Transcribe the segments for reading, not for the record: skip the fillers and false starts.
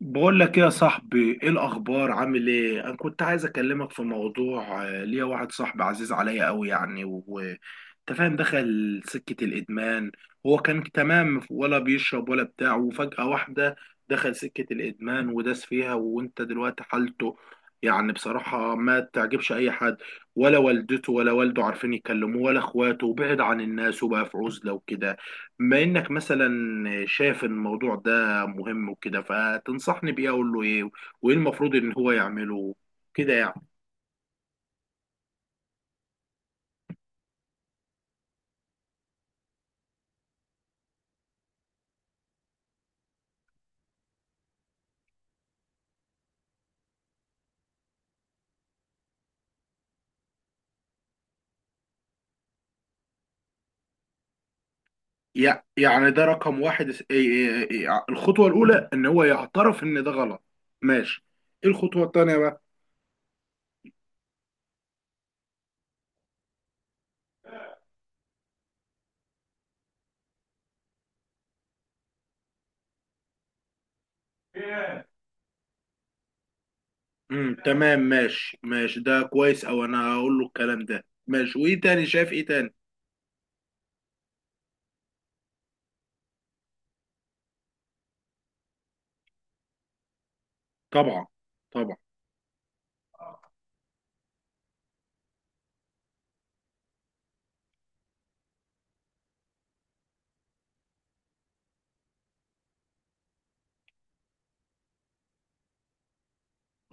بقول لك ايه يا صاحبي، ايه الاخبار؟ عامل ايه؟ انا كنت عايز اكلمك في موضوع، ليا واحد صاحبي عزيز عليا قوي، يعني وانت فاهم، دخل سكة الادمان. هو كان تمام، ولا بيشرب ولا بتاع، وفجأة واحدة دخل سكة الادمان وداس فيها. وانت دلوقتي حالته يعني بصراحة ما تعجبش اي حد، ولا والدته ولا والده عارفين يكلموه ولا اخواته، وبعد عن الناس وبقى في عزلة وكده. بما انك مثلا شايف الموضوع ده مهم وكده، فتنصحني بإيه؟ أقول له إيه؟ وإيه المفروض إن هو يعمله كده يعني؟ يعني ده رقم واحد، إيه إيه إيه الخطوة الأولى؟ إن هو يعترف إن ده غلط. ماشي. إيه الخطوة التانية بقى؟ تمام، ماشي ماشي، ده كويس. أو أنا هقول له الكلام ده، ماشي. وإيه تاني؟ شايف إيه تاني؟ طبعا، طبعا.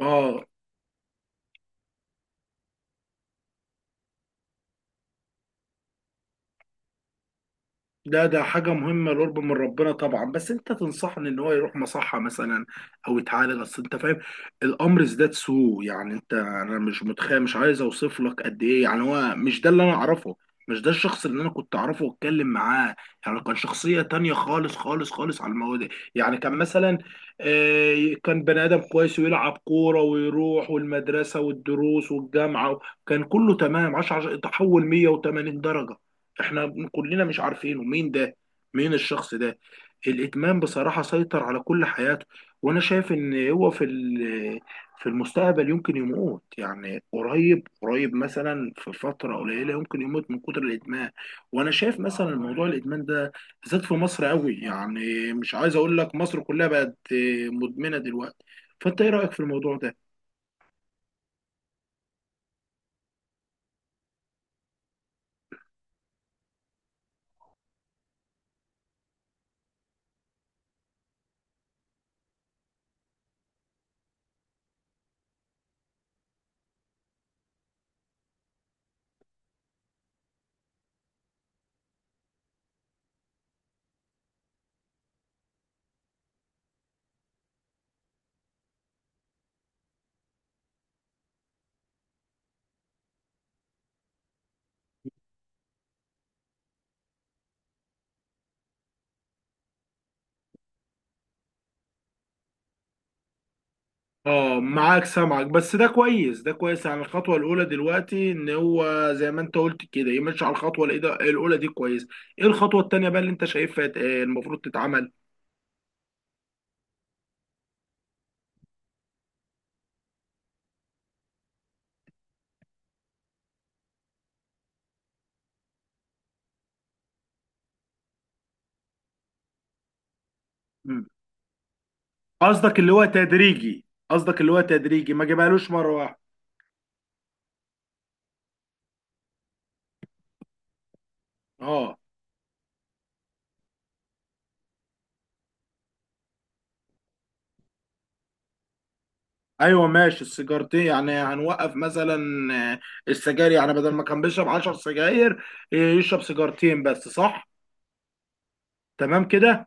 آه، ده ده حاجة مهمة القرب من ربنا طبعا. بس انت تنصحني ان هو يروح مصحة مثلا او يتعالج؟ اصل انت فاهم الامر ازداد سوء يعني، انت انا مش متخيل، مش عايز اوصف لك قد ايه. يعني هو مش ده اللي انا اعرفه، مش ده الشخص اللي انا كنت اعرفه واتكلم معاه. يعني كان شخصية تانية خالص خالص خالص على المواد. يعني كان مثلا، كان بني ادم كويس، ويلعب كورة ويروح والمدرسة والدروس والجامعة، كان كله تمام. 10 تحول 180 درجة، احنا كلنا مش عارفينه مين ده، مين الشخص ده. الادمان بصراحه سيطر على كل حياته. وانا شايف ان هو في المستقبل يمكن يموت، يعني قريب قريب مثلا في فتره قليله يمكن يموت من كتر الادمان. وانا شايف مثلا موضوع الادمان ده بالذات في مصر قوي، يعني مش عايز اقول لك مصر كلها بقت مدمنه دلوقتي. فانت ايه رايك في الموضوع ده؟ اه، معاك، سامعك. بس ده كويس، ده كويس. يعني الخطوه الاولى دلوقتي ان هو زي ما انت قلت كده يمشي على الاولى دي، كويس. ايه الخطوه التانيه بقى اللي انت شايفها المفروض تتعمل؟ مم. قصدك اللي هو تدريجي، قصدك اللي هو تدريجي، ما جبالوش مره واحده. اه. ايوه ماشي، السيجارتين يعني هنوقف مثلا، آه، السجاير يعني، بدل ما كان بيشرب 10 سجاير، آه، يشرب سيجارتين بس، صح؟ تمام كده.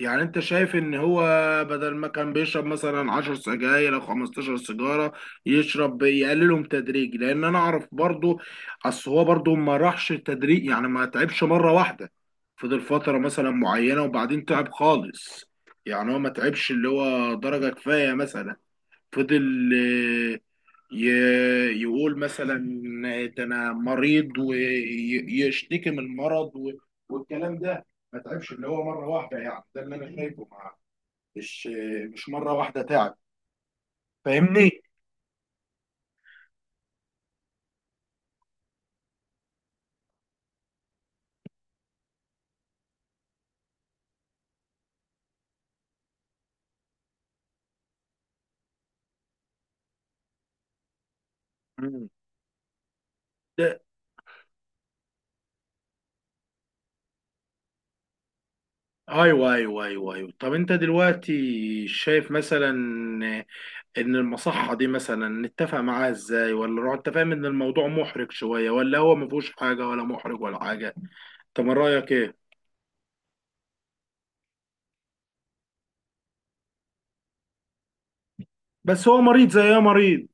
يعني انت شايف ان هو بدل ما كان بيشرب مثلا 10 سجاير او 15 سيجاره، يشرب، يقللهم تدريج. لان انا اعرف برضو، اصل هو برضو ما راحش تدريج يعني، ما تعبش مره واحده، فضل فتره مثلا معينه وبعدين تعب خالص. يعني هو ما تعبش اللي هو درجه كفايه مثلا، فضل يقول مثلا ده انا مريض، ويشتكي من المرض والكلام ده. ما تعبش اللي هو مره واحده، يعني ده اللي انا شايفه، مع، مش مش مره واحده تعب. فاهمني؟ مم. ده ايوه ايوه ايوه ايوه، طب انت دلوقتي شايف مثلا ان المصحه دي مثلا نتفق معاها ازاي، انت فاهم ان الموضوع محرج شويه، ولا هو ما فيهوش حاجه، ولا محرج ولا حاجه؟ انت من رايك ايه؟ بس هو مريض، زي ايه مريض.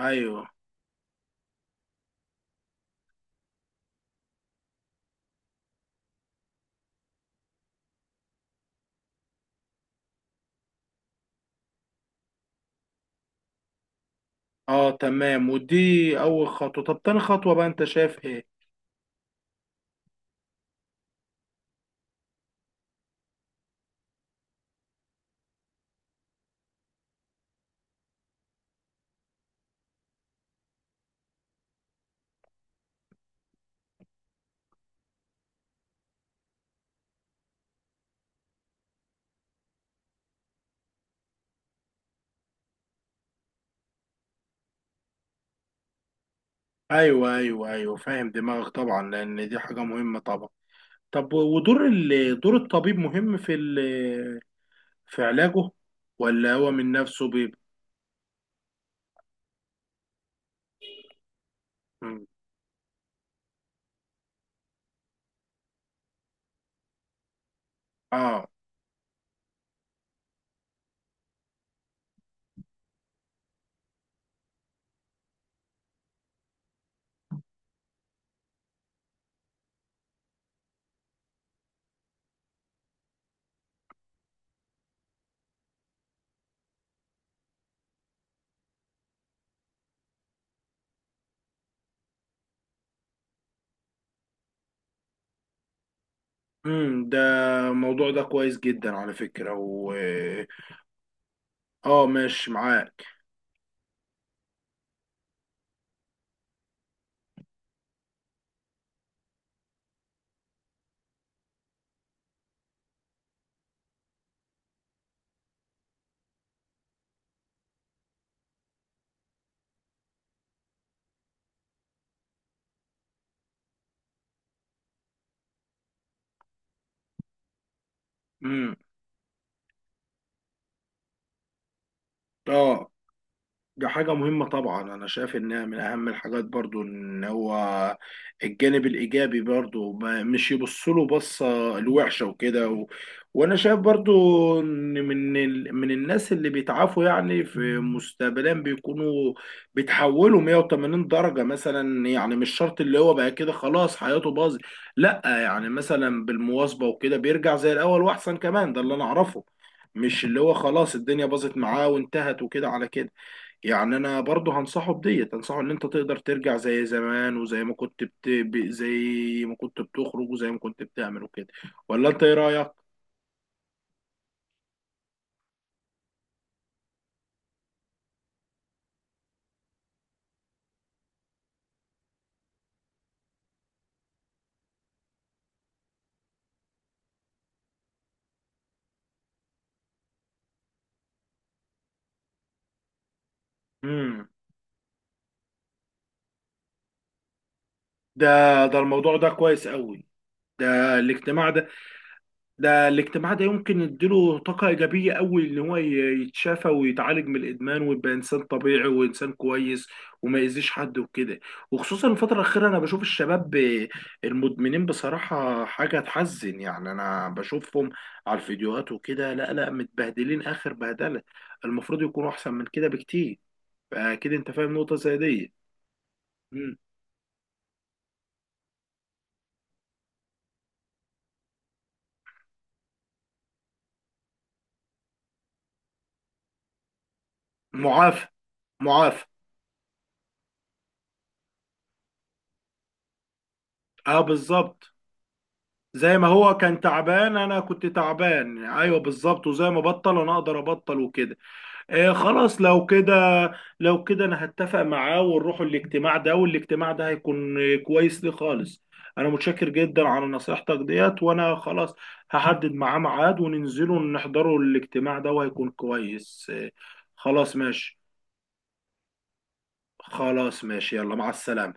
ايوه. اه تمام، ودي اول خطوه. طب تاني خطوه بقى انت شايف ايه؟ ايوه ايوه ايوه، فاهم دماغك طبعا، لان دي حاجه مهمه طبعا. طب ودور ال... دور الطبيب مهم في ال... في علاجه، ولا هو من نفسه بيبقى؟ مم. اه. ده الموضوع ده كويس جدا على فكره، و... اه، ماشي معاك. امم. اه، دي حاجة مهمة طبعا، أنا شايف إنها من أهم الحاجات برضو، إن هو الجانب الإيجابي برضو، ما مش يبصله بصة الوحشة وكده و... وأنا شايف برضو إن من ال... من الناس اللي بيتعافوا يعني في مستقبلا بيكونوا بيتحولوا 180 درجة مثلا، يعني مش شرط اللي هو بقى كده خلاص حياته باظت. لأ، يعني مثلا بالمواظبة وكده بيرجع زي الأول وأحسن كمان، ده اللي أنا أعرفه. مش اللي هو خلاص الدنيا باظت معاه وانتهت وكده على كده. يعني انا برضه هنصحه، بديت هنصحه ان انت تقدر ترجع زي زمان، وزي ما كنت زي ما كنت بتخرج، وزي ما كنت بتعمل وكده. ولا انت ايه رأيك؟ امم. ده ده الموضوع ده كويس قوي، ده الاجتماع ده. ده الاجتماع ده يمكن يديله طاقة إيجابية قوي، إن هو يتشافى ويتعالج من الإدمان ويبقى إنسان طبيعي وإنسان كويس، وما يأذيش حد وكده. وخصوصا الفترة الأخيرة أنا بشوف الشباب المدمنين بصراحة حاجة تحزن. يعني أنا بشوفهم على الفيديوهات وكده، لا لا، متبهدلين آخر بهدلة، المفروض يكونوا أحسن من كده بكتير. فأكيد أنت فاهم نقطة زي دي. مم. معافى، معافى. أه، بالظبط، زي ما هو كان تعبان انا كنت تعبان، ايوه بالظبط، وزي ما بطل انا اقدر ابطل وكده. آه، خلاص، لو كده، لو كده انا هتفق معاه ونروح الاجتماع ده، والاجتماع ده هيكون كويس لي خالص. انا متشكر جدا على نصيحتك ديت، وانا خلاص هحدد معاه ميعاد وننزله نحضره الاجتماع ده، وهيكون كويس. آه، خلاص ماشي، خلاص ماشي، يلا، مع السلامة.